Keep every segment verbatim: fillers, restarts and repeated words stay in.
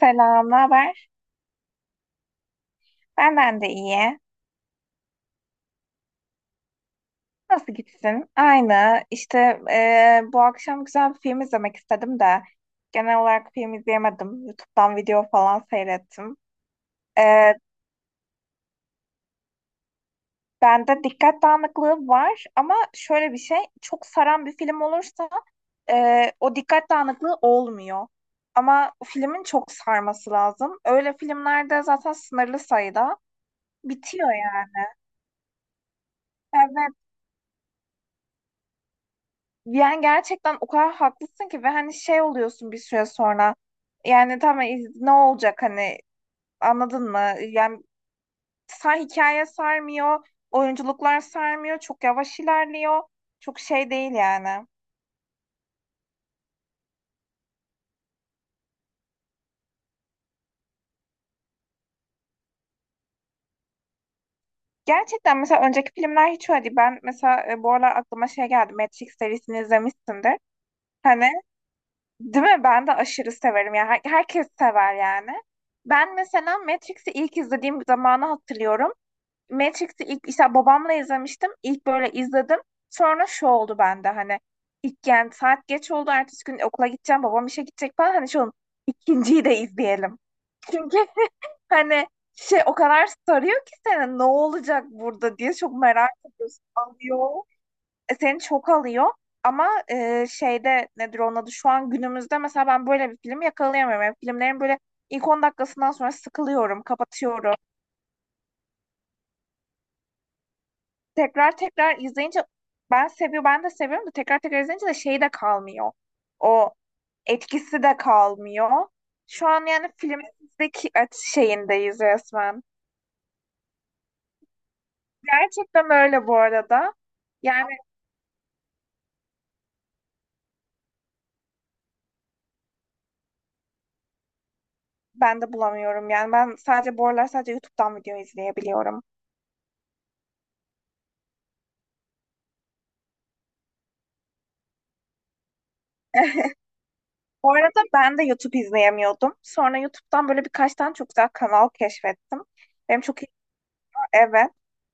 Selam, ne haber? Benden de iyi. Nasıl gitsin? Aynı. İşte e, bu akşam güzel bir film izlemek istedim de genel olarak film izleyemedim. YouTube'dan video falan seyrettim. E, Bende dikkat dağınıklığı var ama şöyle bir şey, çok saran bir film olursa e, o dikkat dağınıklığı olmuyor. Ama filmin çok sarması lazım. Öyle filmlerde zaten sınırlı sayıda bitiyor yani. Evet. Yani gerçekten o kadar haklısın ki ve hani şey oluyorsun bir süre sonra. Yani tamam iz- ne olacak hani, anladın mı? Yani sa hikaye sarmıyor, oyunculuklar sarmıyor, çok yavaş ilerliyor. Çok şey değil yani. Gerçekten mesela önceki filmler hiç öyle değil. Ben mesela e, bu aralar aklıma şey geldi. Matrix serisini izlemişsindir. Hani, değil mi? Ben de aşırı severim. Yani her- herkes sever yani. Ben mesela Matrix'i ilk izlediğim zamanı hatırlıyorum. Matrix'i ilk işte babamla izlemiştim. İlk böyle izledim. Sonra şu oldu bende hani ilk, yani saat geç oldu. Ertesi gün okula gideceğim. Babam işe gidecek falan. Hani şu oldu, ikinciyi de izleyelim. Çünkü hani şey, o kadar sarıyor ki seni, ne olacak burada diye çok merak ediyorsun. Alıyor. E, seni çok alıyor. Ama e, şeyde, nedir onun adı, şu an günümüzde mesela ben böyle bir film yakalayamıyorum. Yani filmlerin böyle ilk on dakikasından sonra sıkılıyorum, kapatıyorum. Tekrar tekrar izleyince ben seviyorum, ben de seviyorum da tekrar tekrar izleyince de şey de kalmıyor. O etkisi de kalmıyor. Şu an yani filmdeki şeyindeyiz resmen. Gerçekten öyle bu arada. Yani ben de bulamıyorum yani, ben sadece bu aralar sadece YouTube'dan video izleyebiliyorum. Bu arada ben de YouTube izleyemiyordum. Sonra YouTube'dan böyle birkaç tane çok güzel kanal keşfettim. Benim çok iyi, evet.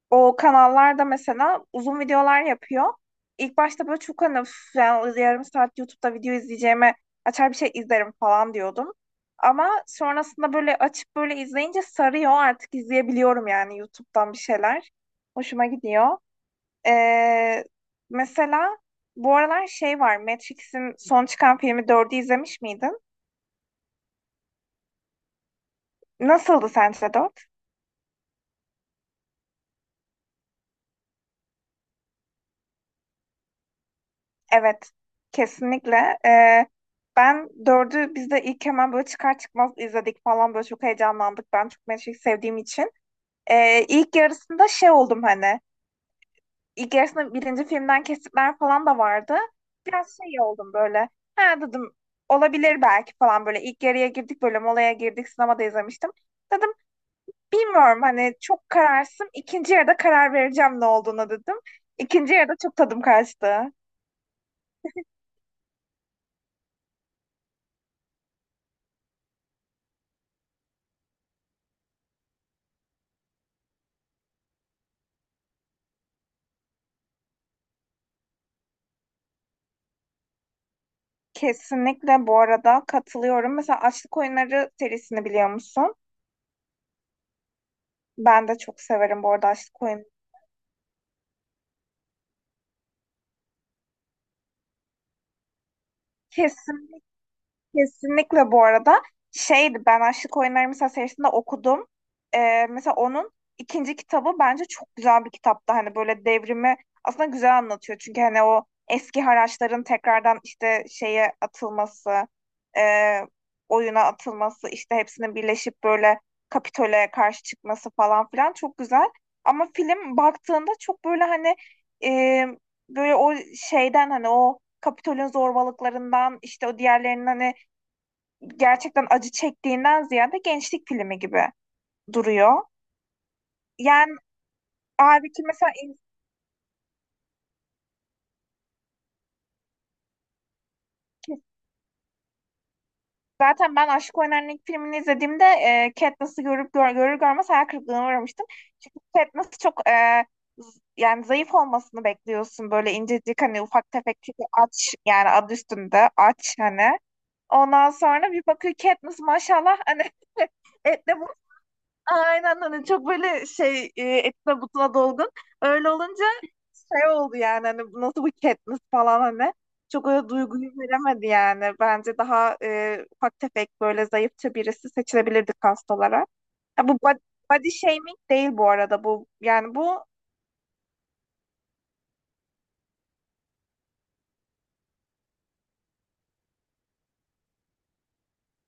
O kanallarda mesela uzun videolar yapıyor. İlk başta böyle çok hani, "Üf, yani yarım saat YouTube'da video izleyeceğime açar bir şey izlerim" falan diyordum. Ama sonrasında böyle açıp böyle izleyince sarıyor, artık izleyebiliyorum yani YouTube'dan bir şeyler. Hoşuma gidiyor. Ee, Mesela bu aralar şey var, Matrix'in son çıkan filmi dördü izlemiş miydin? Nasıldı sence dört? Evet, kesinlikle. Ee, Ben dördü biz de ilk hemen böyle çıkar çıkmaz izledik falan, böyle çok heyecanlandık. Ben çok Matrix sevdiğim için. Ee, ilk yarısında şey oldum hani. İlk yarısında birinci filmden kesitler falan da vardı. Biraz şey oldum böyle. Ha dedim, olabilir belki falan böyle. İlk yarıya girdik, böyle molaya girdik, sinemada izlemiştim. Dedim, bilmiyorum hani, çok kararsızım. İkinci yarıda karar vereceğim ne olduğuna, dedim. İkinci yarıda çok tadım kaçtı. Kesinlikle bu arada, katılıyorum. Mesela Açlık Oyunları serisini biliyor musun? Ben de çok severim bu arada Açlık Oyunları. Kesinlikle. Kesinlikle bu arada, şeydi, ben Aşık Oyunları mesela serisinde okudum. Ee, mesela onun ikinci kitabı bence çok güzel bir kitaptı. Hani böyle devrimi aslında güzel anlatıyor. Çünkü hani o eski haraçların tekrardan işte şeye atılması, e, oyuna atılması, işte hepsinin birleşip böyle Kapitol'e karşı çıkması falan filan çok güzel. Ama film baktığında çok böyle hani e, böyle o şeyden, hani o Kapitol'ün zorbalıklarından, işte o diğerlerinin hani gerçekten acı çektiğinden ziyade gençlik filmi gibi duruyor. Yani abi ki mesela ilk- zaten ben Aşk Oynar'ın ilk filmini izlediğimde e, Katniss'ı görüp gör, görür görmez hayal kırıklığına uğramıştım. Çünkü Katniss çok e, z- yani zayıf olmasını bekliyorsun. Böyle incecik, hani ufak tefek, çünkü aç, yani adı üstünde aç hani. Ondan sonra bir bakıyor Katniss maşallah hani etle, aynen, hani çok böyle şey, e, etine butuna dolgun. Öyle olunca şey oldu yani, hani bu nasıl bir Katniss falan hani. Çok öyle duyguyu veremedi yani. Bence daha e, ufak tefek böyle zayıfça birisi seçilebilirdi kast olarak. Ya bu bod- body shaming değil bu arada bu. Yani bu.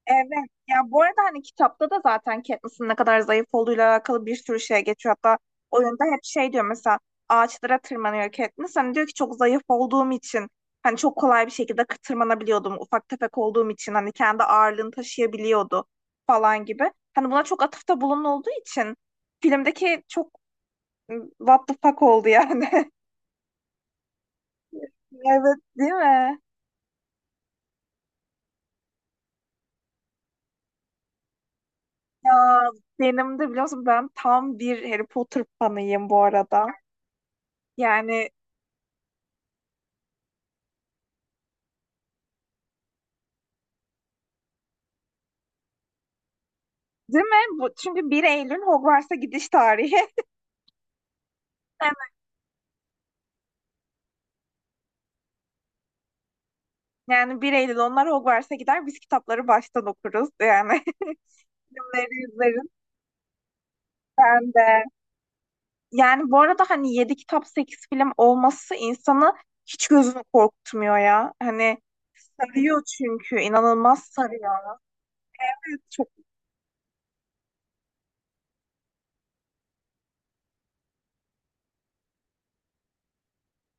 Evet. Ya bu arada hani kitapta da zaten Katniss'in ne kadar zayıf olduğuyla alakalı bir sürü şey geçiyor. Hatta oyunda hep şey diyor mesela, ağaçlara tırmanıyor Katniss. Hani diyor ki çok zayıf olduğum için hani çok kolay bir şekilde kı- tırmanabiliyordum. Ufak tefek olduğum için hani kendi ağırlığını taşıyabiliyordu falan gibi. Hani buna çok atıfta bulunulduğu için filmdeki çok ım, what the fuck oldu yani. Evet, değil mi? Ya benim de biliyorsun, ben tam bir Harry Potter fanıyım bu arada. Yani değil mi? Bu, çünkü bir Eylül Hogwarts'a gidiş tarihi. Evet. Yani bir Eylül onlar Hogwarts'a gider, biz kitapları baştan okuruz. Yani onları izleriz ben de. Yani bu arada hani yedi kitap sekiz film olması insanı hiç gözünü korkutmuyor ya. Hani sarıyor, çünkü inanılmaz sarıyor. Evet, çok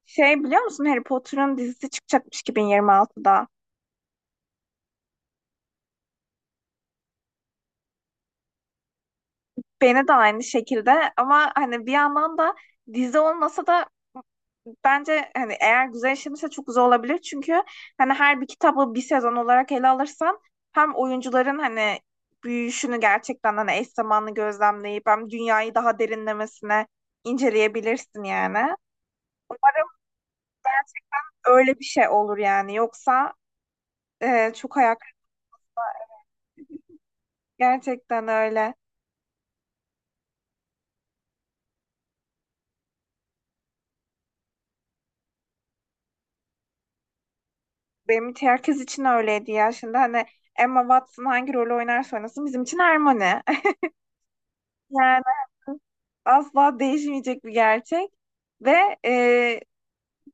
şey, biliyor musun Harry Potter'ın dizisi çıkacakmış iki bin yirmi altıda. Beni de aynı şekilde, ama hani bir yandan da dizi olmasa da bence hani, eğer güzel işlenirse çok güzel olabilir. Çünkü hani her bir kitabı bir sezon olarak ele alırsan hem oyuncuların hani büyüyüşünü gerçekten hani eş zamanlı gözlemleyip hem dünyayı daha derinlemesine inceleyebilirsin yani. Umarım öyle bir şey olur yani. Yoksa e, çok ayak. Gerçekten öyle. Benim için, herkes için öyleydi ya. Şimdi hani Emma Watson hangi rolü oynarsa oynasın bizim için Hermione. Yani asla değişmeyecek bir gerçek. Ve e,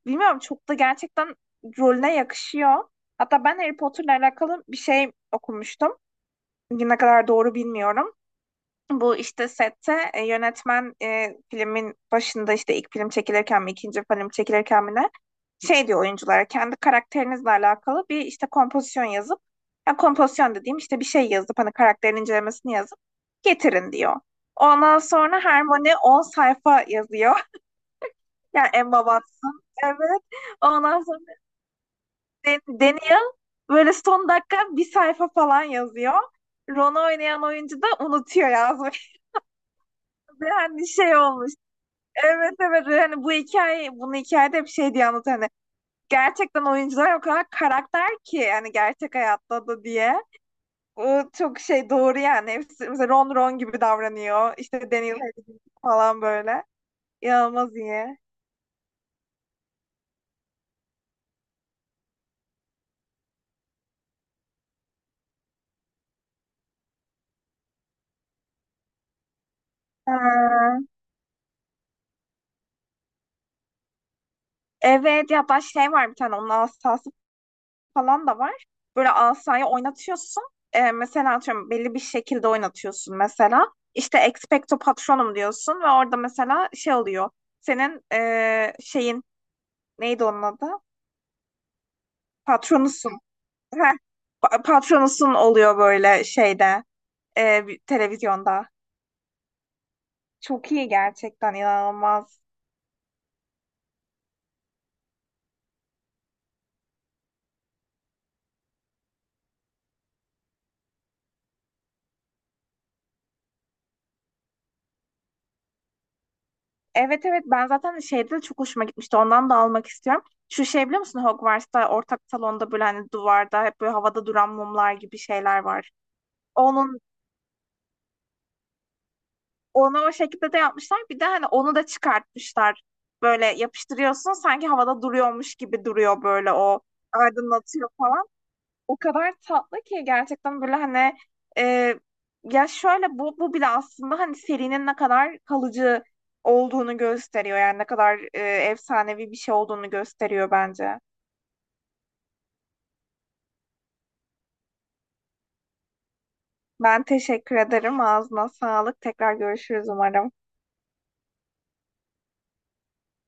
bilmiyorum, çok da gerçekten rolüne yakışıyor. Hatta ben Harry Potter'la alakalı bir şey okumuştum. Ne kadar doğru bilmiyorum. Bu işte sette e, yönetmen, e, filmin başında, işte ilk film çekilirken mi ikinci film çekilirken mi ne, şey diyor oyunculara, kendi karakterinizle alakalı bir işte kompozisyon yazıp, ya, kompozisyon dediğim işte bir şey yazıp hani karakterin incelemesini yazıp getirin diyor. Ondan sonra Hermione on sayfa yazıyor. Yani Emma Watson. Evet. Ondan sonra Dan- Daniel böyle son dakika bir sayfa falan yazıyor. Ron'u oynayan oyuncu da unutuyor yazmayı. Yani şey olmuş. Evet, evet, hani bu hikaye, bunu hikayede hep şey diye anlat, hani gerçekten oyuncular o kadar karakter ki hani gerçek hayatta da, diye. O çok şey, doğru yani. Hepsi mesela Ron, Ron gibi davranıyor. İşte Daniel Harris falan böyle. İnanılmaz iyi. Ha, evet, ya da şey var, bir tane onun asası falan da var. Böyle asayı oynatıyorsun. Ee, mesela atıyorum belli bir şekilde oynatıyorsun mesela. İşte Expecto Patronum diyorsun ve orada mesela şey oluyor, senin eee, şeyin, neydi onun adı? Patronusun. Heh, pa- patronusun oluyor böyle şeyde, e, bir- televizyonda. Çok iyi, gerçekten inanılmaz. Evet, evet, ben zaten şeyde de çok hoşuma gitmişti. Ondan da almak istiyorum. Şu şey, biliyor musun Hogwarts'ta ortak salonda böyle hani duvarda hep böyle havada duran mumlar gibi şeyler var. Onun, onu o şekilde de yapmışlar. Bir de hani onu da çıkartmışlar. Böyle yapıştırıyorsun, sanki havada duruyormuş gibi duruyor böyle, o aydınlatıyor falan. O kadar tatlı ki gerçekten, böyle hani e, ya şöyle, bu bu bile aslında hani serinin ne kadar kalıcı olduğunu gösteriyor yani, ne kadar e, efsanevi bir şey olduğunu gösteriyor bence. Ben teşekkür ederim. Ağzına sağlık. Tekrar görüşürüz umarım.